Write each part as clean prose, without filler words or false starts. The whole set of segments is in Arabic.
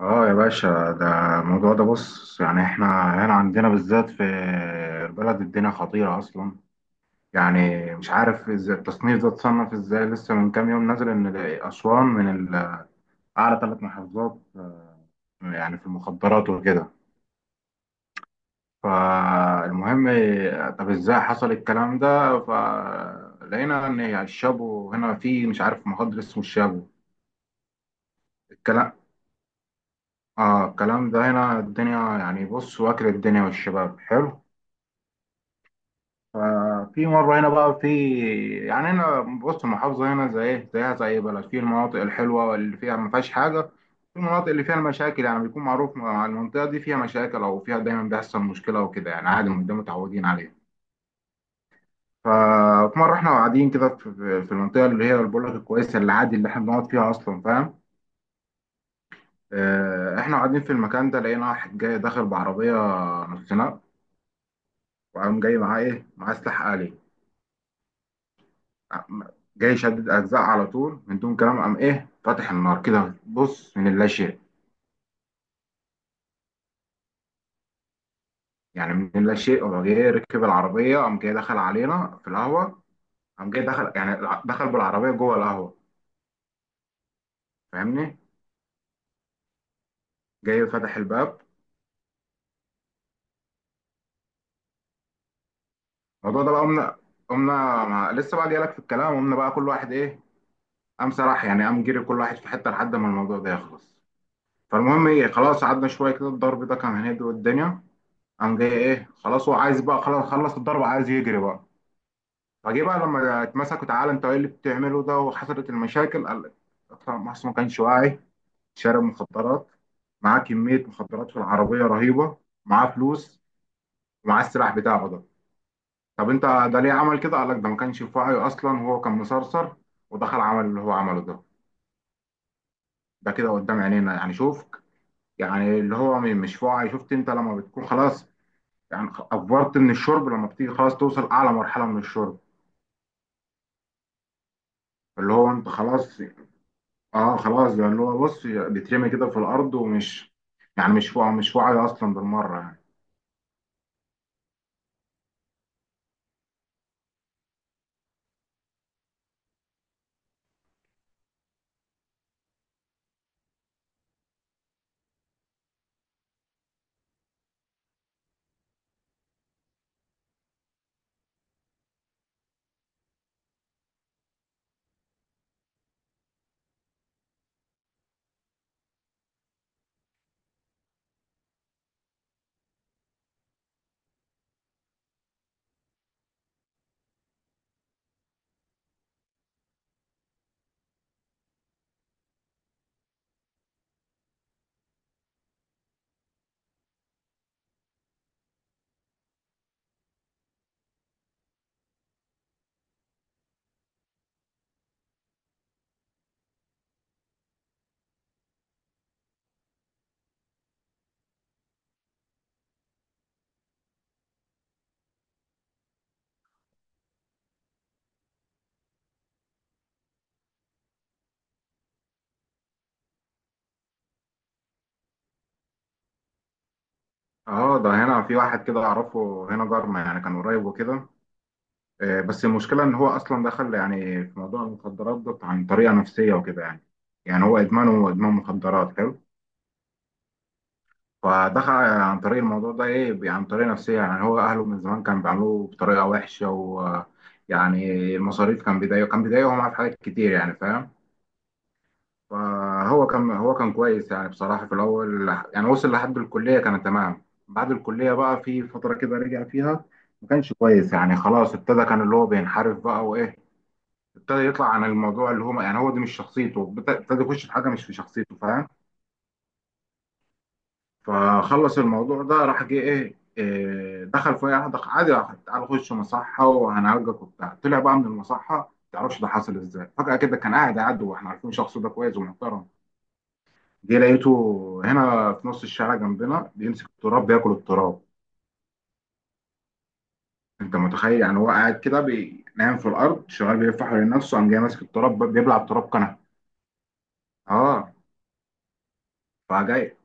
اه يا باشا ده الموضوع ده بص احنا هنا عندنا بالذات في البلد الدنيا خطيرة اصلا. مش عارف ازاي التصنيف ده اتصنف ازاي، لسه من كام يوم نازل ان اسوان من ال- اعلى ثلاث محافظات في المخدرات وكده. فالمهم، طب ازاي حصل الكلام ده؟ فلقينا ان الشابو هنا، في مش عارف مخدر اسمه الشابو. الكلام اه الكلام ده هنا الدنيا، بص، واكل الدنيا والشباب حلو. ففي مرة هنا بقى، في يعني هنا بص، المحافظة هنا زي إيه، زيها زي أي بلد، في المناطق الحلوة واللي فيها ما فيهاش حاجة، في المناطق اللي فيها المشاكل، بيكون معروف مع المنطقة دي فيها مشاكل أو فيها دايما بيحصل مشكلة وكده، عادي من ده متعودين عليه. ففي مرة إحنا قاعدين كده في المنطقة اللي هي بقول لك الكويسة، اللي عادي اللي إحنا بنقعد فيها أصلا، فاهم؟ آه، إحنا قاعدين في المكان ده، لقينا واحد جاي داخل بعربية نص نقل، وقام جاي معاه إيه، معاه سلاح آلي. جاي شدد اجزاء على طول من دون كلام، قام ايه، فاتح النار كده بص من اللا شيء. من اللا شيء، هو جاي ركب العربيه، قام جاي دخل علينا في القهوه، قام جاي دخل دخل بالعربيه جوه القهوه. فاهمني؟ جاي فتح الباب. الموضوع ده بقى، قمنا مع... لسه بقى جايلك في الكلام. قمنا بقى كل واحد ايه، قام سرح، قام جري كل واحد في حته لحد ما الموضوع ده يخلص. فالمهم ايه، خلاص قعدنا شويه كده، الضرب ده كان هيهدي الدنيا. قام جاي ايه، خلاص هو عايز بقى، خلاص خلص الضرب عايز يجري بقى. فجه بقى لما اتمسكوا، تعالى انت ايه اللي بتعمله ده وحصلت المشاكل، قال لك اطلع مصر، ما كانش واعي، شارب مخدرات، معاه كمية مخدرات في العربية رهيبة، معاه فلوس، ومعاه السلاح بتاعه ده. طب انت ده ليه عمل كده؟ قال لك ده ما كانش في وعي اصلا، هو كان مسرسر، ودخل عمل اللي هو عمله ده. ده كده قدام عينينا، شوف، اللي هو مش في وعي. شفت انت لما بتكون خلاص، افورت من الشرب، لما بتيجي خلاص توصل اعلى مرحلة من الشرب، اللي هو انت خلاص. اه، خلاص بقى اللي هو بص بيترمي كده في الارض، ومش مش مش واعي اصلا بالمره يعني. اه ده هنا في واحد كده اعرفه هنا، جارنا، كان قريب وكده. آه بس المشكله ان هو اصلا دخل في موضوع المخدرات ده عن طريقه نفسيه وكده يعني. هو ادمانه، هو ادمان مخدرات حلو. فدخل عن طريق الموضوع ده ايه، عن طريقه نفسيه. هو اهله من زمان كانوا بيعاملوه بطريقه وحشه، و يعني المصاريف كان بيضايقه، كان بيضايقهم في حاجات كتير يعني، فاهم؟ فهو كان، هو كان كويس يعني بصراحة في الأول. وصل لحد الكلية كان تمام، بعد الكلية بقى في فترة كده رجع فيها ما كانش كويس، خلاص ابتدى كان اللي هو بينحرف بقى وإيه، ابتدى يطلع عن الموضوع اللي هو، هو دي مش شخصيته، ابتدى يخش في حاجة مش في شخصيته، فاهم؟ فخلص الموضوع ده، راح جه إيه إيه، دخل في أي واحدة عادي، راح، تعالى خش مصحة وهنعالجك وبتاع، طلع بقى من المصحة. ما تعرفش ده حصل ازاي، فجأة كده كان قاعد عدو واحنا عارفين شخصه ده كويس ومحترم. جه لقيته هنا في نص الشارع جنبنا بيمسك التراب، بياكل التراب. انت متخيل؟ هو قاعد كده نايم في الارض، شغال بيلف حوالين نفسه، قام جاي ماسك التراب بيبلع التراب كنب. اه فجاي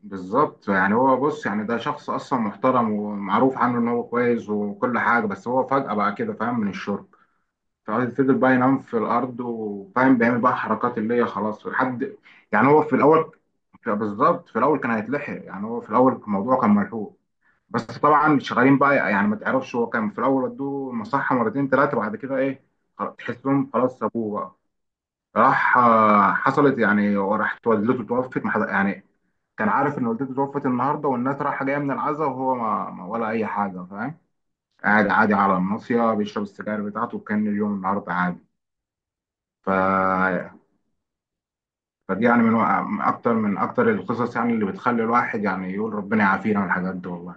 بالظبط، هو بص ده شخص اصلا محترم ومعروف عنه ان هو كويس وكل حاجه، بس هو فجأة بقى كده فاهم من الشرب. ففضل بقى ينام في الارض وفاهم، بيعمل بقى حركات اللي هي خلاص لحد. يعني هو في الاول بالظبط في الاول كان هيتلحق، هو في الاول الموضوع كان ملحوق. بس طبعا شغالين بقى، ما تعرفش، هو كان في الاول ودوه المصحه مرتين ثلاثه، بعد كده ايه خلاص تحسهم خلاص سابوه بقى. راح آه، حصلت وراحت والدته توفت، ما حد- يعني كان عارف ان والدته توفت النهارده والناس رايحه جايه من العزاء، وهو ولا اي حاجه، فاهم؟ قاعد عادي على الناصيه بيشرب السجاير بتاعته، وكان اليوم النهارده عادي. ف فدي من اكتر القصص اللي بتخلي الواحد يقول ربنا يعافينا من الحاجات دي والله.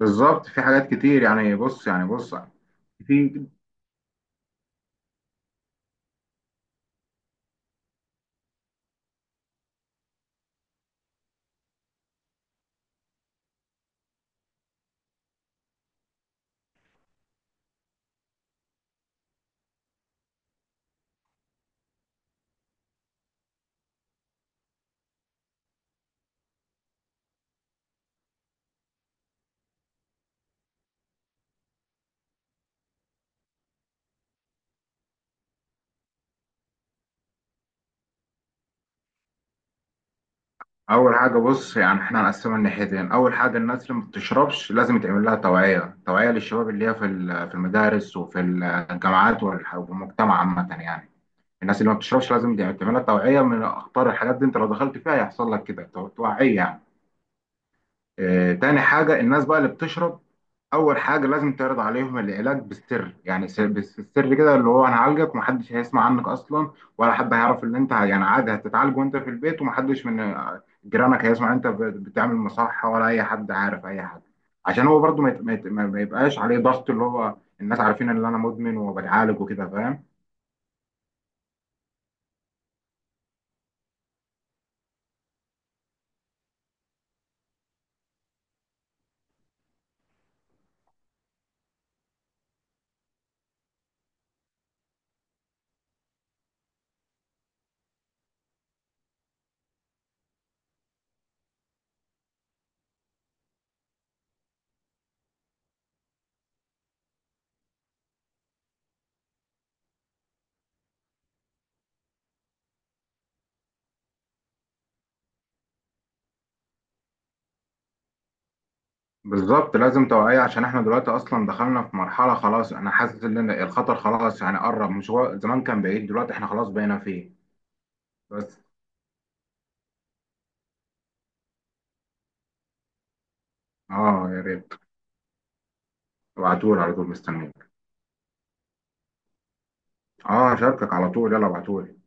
بالظبط في حاجات كتير، يعني بص يعني بص في اول حاجه بص، احنا هنقسمها لناحيتين. اول حاجه الناس اللي ما بتشربش لازم يتعمل لها توعيه، توعيه للشباب اللي هي في في المدارس وفي الجامعات والمجتمع عامه يعني. الناس اللي ما بتشربش لازم يتعمل لها توعيه من اخطار الحاجات دي، انت لو دخلت فيها هيحصل لك كده توعيه يعني. آه، تاني حاجة الناس بقى اللي بتشرب، أول حاجة لازم تعرض عليهم العلاج بالسر، بالسر كده، اللي هو هنعالجك ومحدش هيسمع عنك أصلا، ولا حد هيعرف إن أنت، عادي هتتعالج وأنت في البيت، ومحدش من آه، جيرانك هيسمع أنت بتعمل مصحة ولا أي حد عارف أي حاجة. عشان هو برضو ما يت- ما يت- ما- ما يبقاش عليه ضغط اللي هو الناس عارفين إن أنا مدمن وبتعالج وكده، فاهم؟ بالظبط لازم توعية، عشان احنا دلوقتي اصلا دخلنا في مرحلة خلاص، انا حاسس ان أنا الخطر خلاص، قرب، مش هو زمان كان بعيد، دلوقتي احنا خلاص بقينا فيه. بس اه يا ريت، ابعتولي على طول مستنيك. اه هشاركك على طول، يلا ابعتولي.